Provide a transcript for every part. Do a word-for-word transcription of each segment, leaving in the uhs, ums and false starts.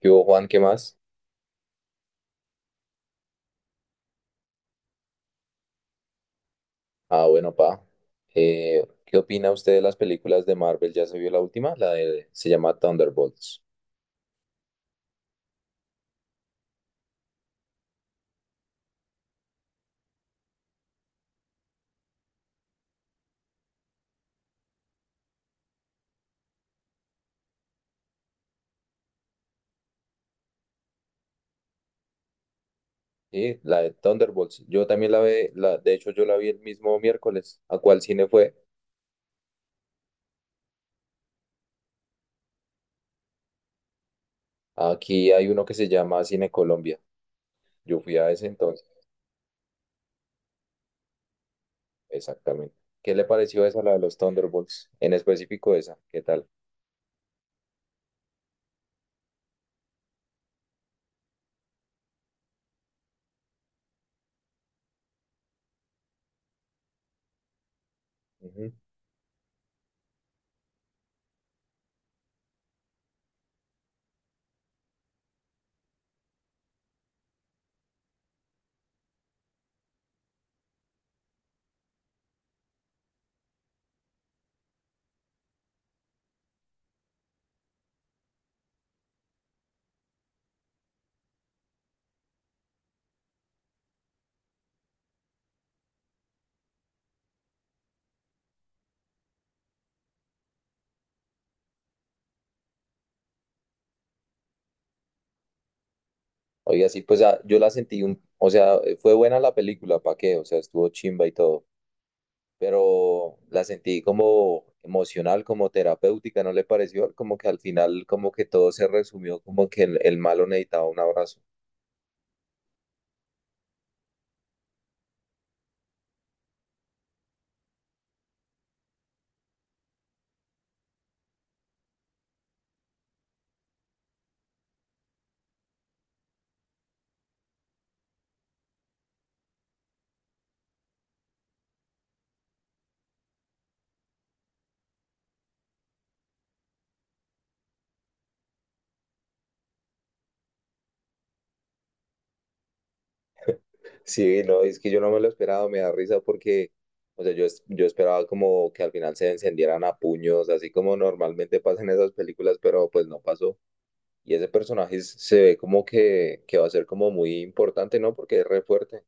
¿Qué hubo, Juan? ¿Qué más? Ah, bueno, pa. Eh, ¿qué opina usted de las películas de Marvel? ¿Ya se vio la última? La de, se llama Thunderbolts. Sí, la de Thunderbolts. Yo también la vi, la, de hecho yo la vi el mismo miércoles. ¿A cuál cine fue? Aquí hay uno que se llama Cine Colombia. Yo fui a ese entonces, exactamente. ¿Qué le pareció esa, la de los Thunderbolts? En específico esa, ¿qué tal? Ujú. Oiga, sí, pues ah, yo la sentí un, o sea, fue buena la película, ¿pa' qué? O sea, estuvo chimba y todo pero la sentí como emocional, como terapéutica, ¿no le pareció? Como que al final, como que todo se resumió, como que el, el malo necesitaba un abrazo. Sí, no, es que yo no me lo esperaba, me da risa porque, o sea, yo, es- yo esperaba como que al final se encendieran a puños, así como normalmente pasa en esas películas, pero pues no pasó. Y ese personaje es- se ve como que, que va a ser como muy importante, ¿no? Porque es re fuerte.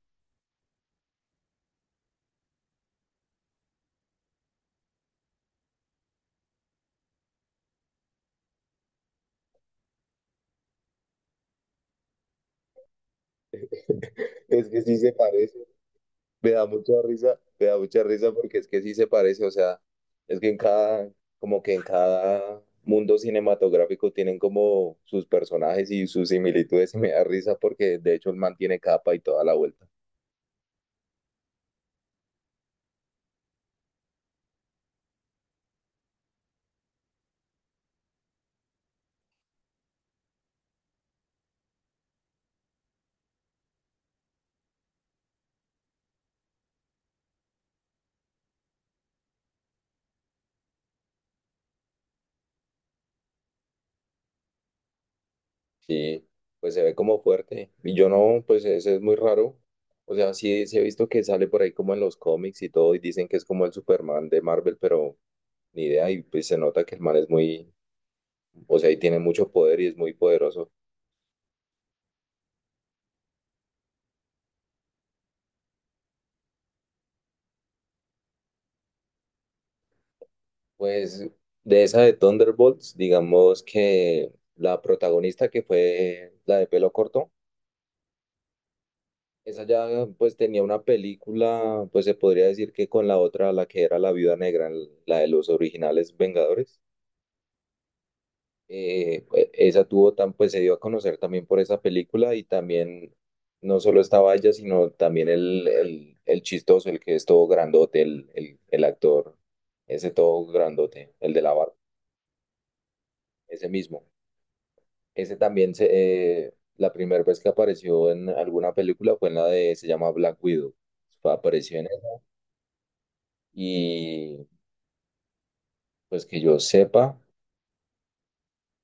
Es que sí se parece. Me da mucha risa, me da mucha risa porque es que sí se parece, o sea, es que en cada, como que en cada mundo cinematográfico tienen como sus personajes y sus similitudes y me da risa porque de hecho el man tiene capa y toda la vuelta. Sí, pues se ve como fuerte. Y yo no, pues ese es muy raro. O sea, sí, sí he visto que sale por ahí como en los cómics y todo y dicen que es como el Superman de Marvel, pero ni idea y pues se nota que el man es muy, o sea, y tiene mucho poder y es muy poderoso. Pues de esa de Thunderbolts, digamos que la protagonista que fue la de pelo corto, esa ya pues tenía una película, pues se podría decir que con la otra, la que era la Viuda Negra, l- la de los originales Vengadores, eh, pues, esa tuvo tan, pues se dio a conocer también por esa película y también no solo estaba ella, sino también el, el, el chistoso, el que es todo grandote, el, el, el actor, ese todo grandote, el de la barba, ese mismo. Ese también, se, eh, la primera vez que apareció en alguna película fue en la de, se llama Black Widow. Fue- Apareció en esa y pues que yo sepa,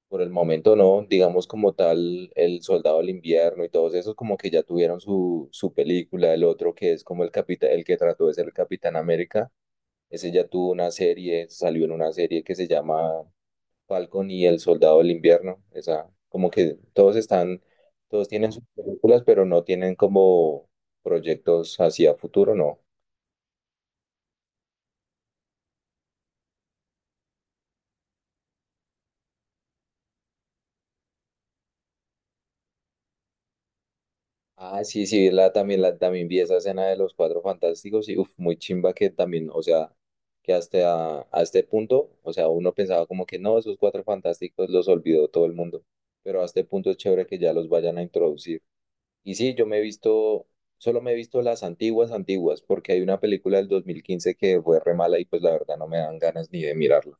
por el momento no, digamos como tal, El Soldado del Invierno y todos esos como que ya tuvieron su, su película, el otro que es como el capitán, el que trató de ser el Capitán América, ese ya tuvo una serie, salió en una serie que se llama Falcon y El Soldado del Invierno. Esa, como que todos están, todos tienen sus películas, pero no tienen como proyectos hacia futuro, no. Ah, sí, sí, la, también, la, también vi esa escena de los Cuatro Fantásticos y uf, muy chimba que también, o sea, que hasta a, este punto, o sea, uno pensaba como que no, esos Cuatro Fantásticos los olvidó todo el mundo, pero a este punto es chévere que ya los vayan a introducir. Y sí, yo me he visto, solo me he visto las antiguas, antiguas, porque hay una película del dos mil quince que fue re mala y pues la verdad no me dan ganas ni de mirarla.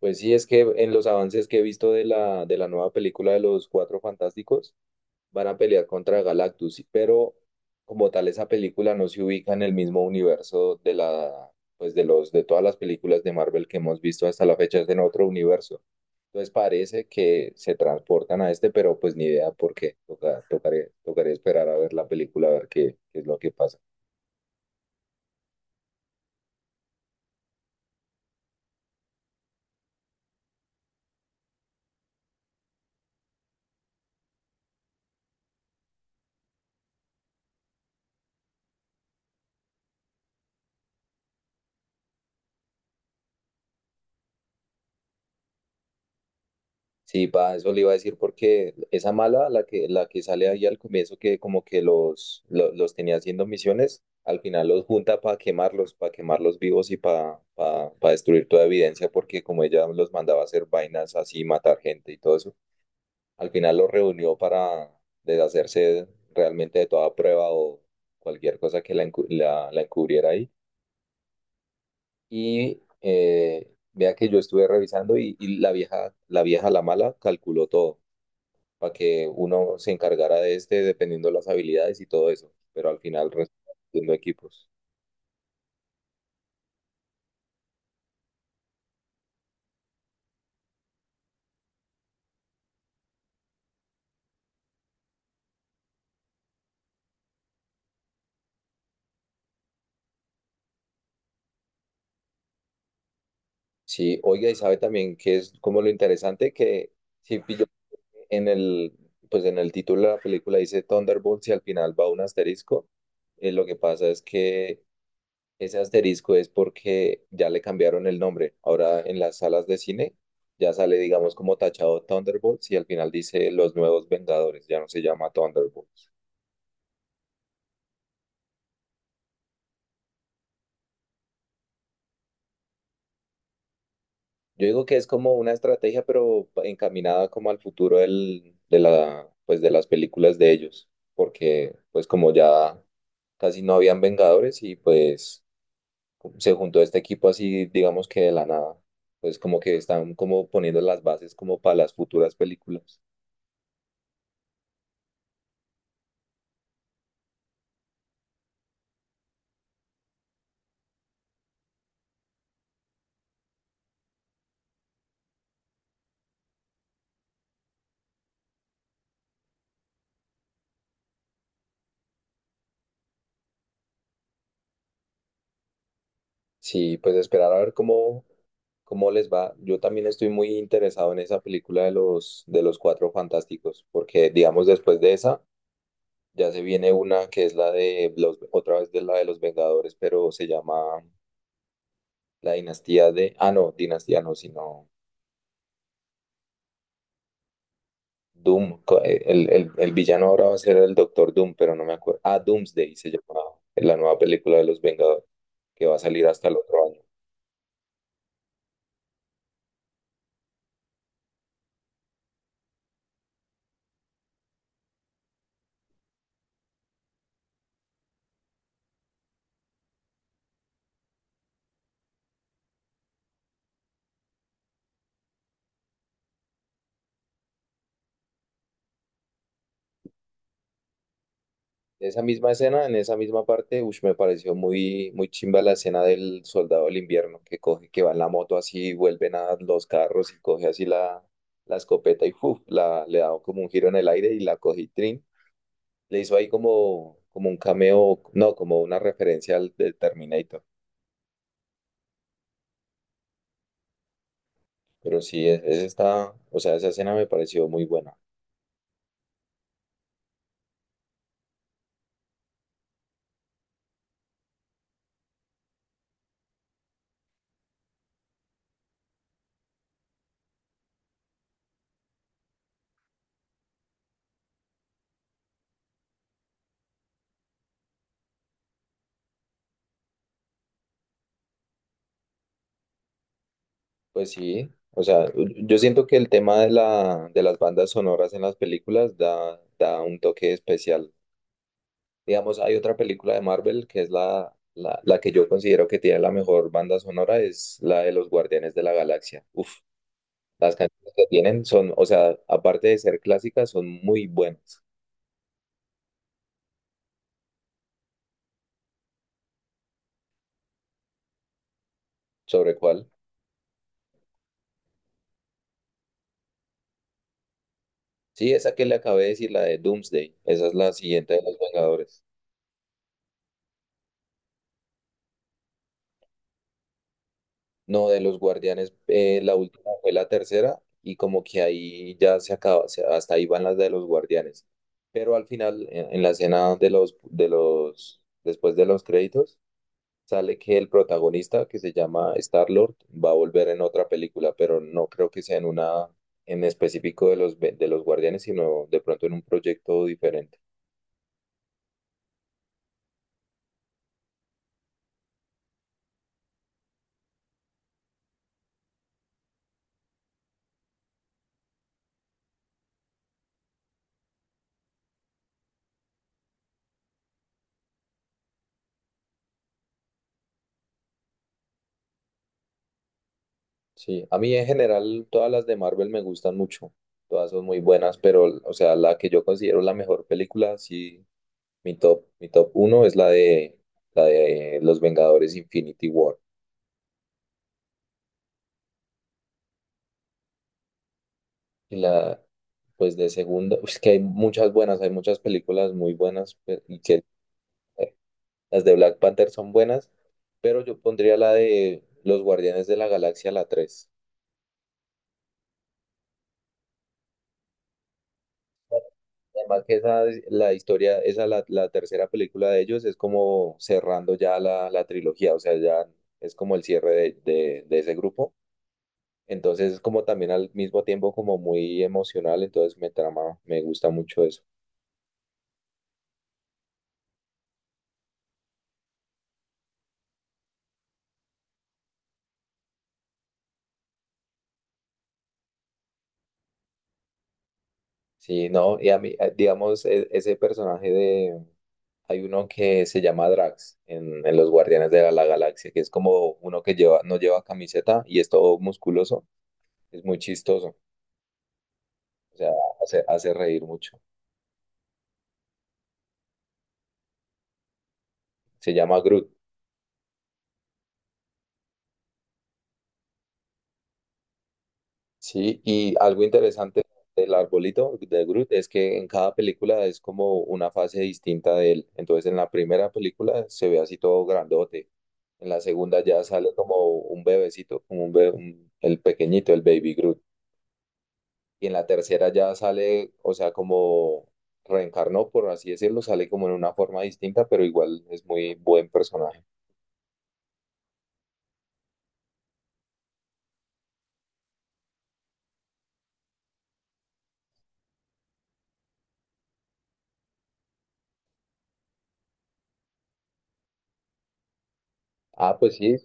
Pues sí, es que en los avances que he visto de la, de la nueva película de los Cuatro Fantásticos, van a pelear contra Galactus, pero como tal esa película no se ubica en el mismo universo de la, pues de los, de todas las películas de Marvel que hemos visto hasta la fecha, es en otro universo. Entonces parece que se transportan a este, pero pues ni idea por qué. Toca, tocaré, tocaré esperar a ver la película, a ver qué, qué es lo que pasa. Sí, va, eso le iba a decir porque esa mala, la que, la que sale ahí al comienzo, que como que los, lo- los, tenía haciendo misiones, al final los junta para quemarlos, para quemarlos vivos y para destruir toda evidencia, porque como ella los mandaba a hacer vainas así, matar gente y todo eso, al final lo reunió para deshacerse realmente de toda prueba o cualquier cosa que la, encu- la- la encubriera ahí. Y eh, vea que yo estuve revisando y, y la vieja, la vieja, la mala, calculó todo para que uno se encargara de este dependiendo las habilidades y todo eso, pero al final resultaron siendo equipos. Sí, oiga, y sabe también que es como lo interesante que si pilló en el, pues en el título de la película dice Thunderbolts y al final va un asterisco. Eh, lo que pasa es que ese asterisco es porque ya le cambiaron el nombre. Ahora en las salas de cine ya sale, digamos, como tachado Thunderbolts y al final dice Los Nuevos Vengadores, ya no se llama Thunderbolts. Yo digo que es como una estrategia, pero encaminada como al futuro del, de la, pues de las películas de ellos, porque pues como ya casi no habían Vengadores y pues se juntó este equipo así, digamos que de la nada. Pues como que están como poniendo las bases como para las futuras películas. Sí, pues esperar a ver cómo, cómo les va. Yo también estoy muy interesado en esa película de los, de los Cuatro Fantásticos, porque digamos después de esa ya se viene una que es la de los, otra vez de la de los Vengadores, pero se llama la dinastía de, ah no, dinastía no, sino Doom, co- eh, el, el- el villano ahora va a ser el Doctor Doom, pero no me acuerdo. Ah, Doomsday se llamaba, la nueva película de los Vengadores, que va a salir hasta el otro año. Esa misma escena, en esa misma parte, ush, me pareció muy, muy chimba la escena del soldado del invierno que coge, que va en la moto así, vuelven a los carros y coge así la, la escopeta y ¡fuf! La, le da como un giro en el aire y la cogí trin. Le hizo ahí como, como un cameo, no, como una referencia al del Terminator. Pero sí, e-, es- esa está, o sea, esa escena me pareció muy buena. Pues sí, o sea, yo siento que el tema de la, de las bandas sonoras en las películas da, da un toque especial. Digamos, hay otra película de Marvel que es la, la, la que yo considero que tiene la mejor banda sonora, es la de los Guardianes de la Galaxia. Uf, las canciones que tienen son, o sea, aparte de ser clásicas, son muy buenas. ¿Sobre cuál? Sí, esa que le acabé de decir, la de Doomsday. Esa es la siguiente de los Vengadores. No, de los Guardianes, eh, la última fue la tercera y como que ahí ya se acaba, o sea, hasta ahí van las de los Guardianes. Pero al final, en, en la escena de los, de los, después de los créditos, sale que el protagonista, que se llama Star-Lord, va a volver en otra película, pero no creo que sea en una en específico de los, ve- de los Guardianes, sino de pronto en un proyecto diferente. Sí, a mí en general todas las de Marvel me gustan mucho. Todas son muy buenas, pero, o sea, la que yo considero la mejor película, sí, Mi top, mi top uno es la de, la de Los Vengadores Infinity War. Y la, pues de segunda, es que hay muchas buenas, hay muchas películas muy buenas pe- y que eh, las de Black Panther son buenas, pero yo pondría la de Los Guardianes de la Galaxia, la tres Además que esa, es la historia, esa, la, la tercera película de ellos es como cerrando ya la, la trilogía, o sea, ya es como el cierre de, de de ese grupo. Entonces es como también al mismo tiempo como muy emocional, entonces me trama, me gusta mucho eso. Sí, no, y a mí, eh, digamos, e- ese personaje de... Hay uno que se llama Drax en, en Los Guardianes de la, la Galaxia, que es como uno que lleva, no lleva camiseta y es todo musculoso, es muy chistoso, o sea, hace, hace reír mucho. Se llama Groot. Sí, y algo interesante del arbolito de Groot es que en cada película es como una fase distinta de él. Entonces, en la primera película se ve así todo grandote. En la segunda ya sale como un bebecito, como un be- un- el pequeñito, el baby Groot. Y en la tercera ya sale, o sea, como reencarnó, por así decirlo, sale como en una forma distinta, pero igual es muy buen personaje. Ah, pues sí,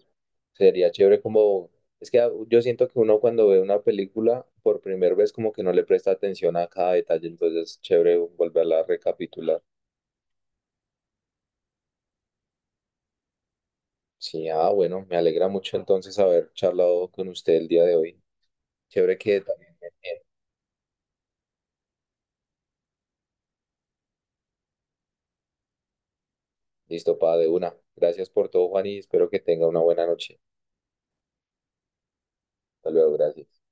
Sería chévere como, es que ah, yo siento que uno cuando ve una película por primera vez como que no le presta atención a cada detalle, entonces es chévere volverla a recapitular. Sí, ah, bueno, me alegra mucho entonces haber charlado con usted el día de hoy. Chévere que también me entienda. Listo, pa, de una. Gracias por todo, Juan, y espero que tenga una buena noche. Hasta luego, gracias.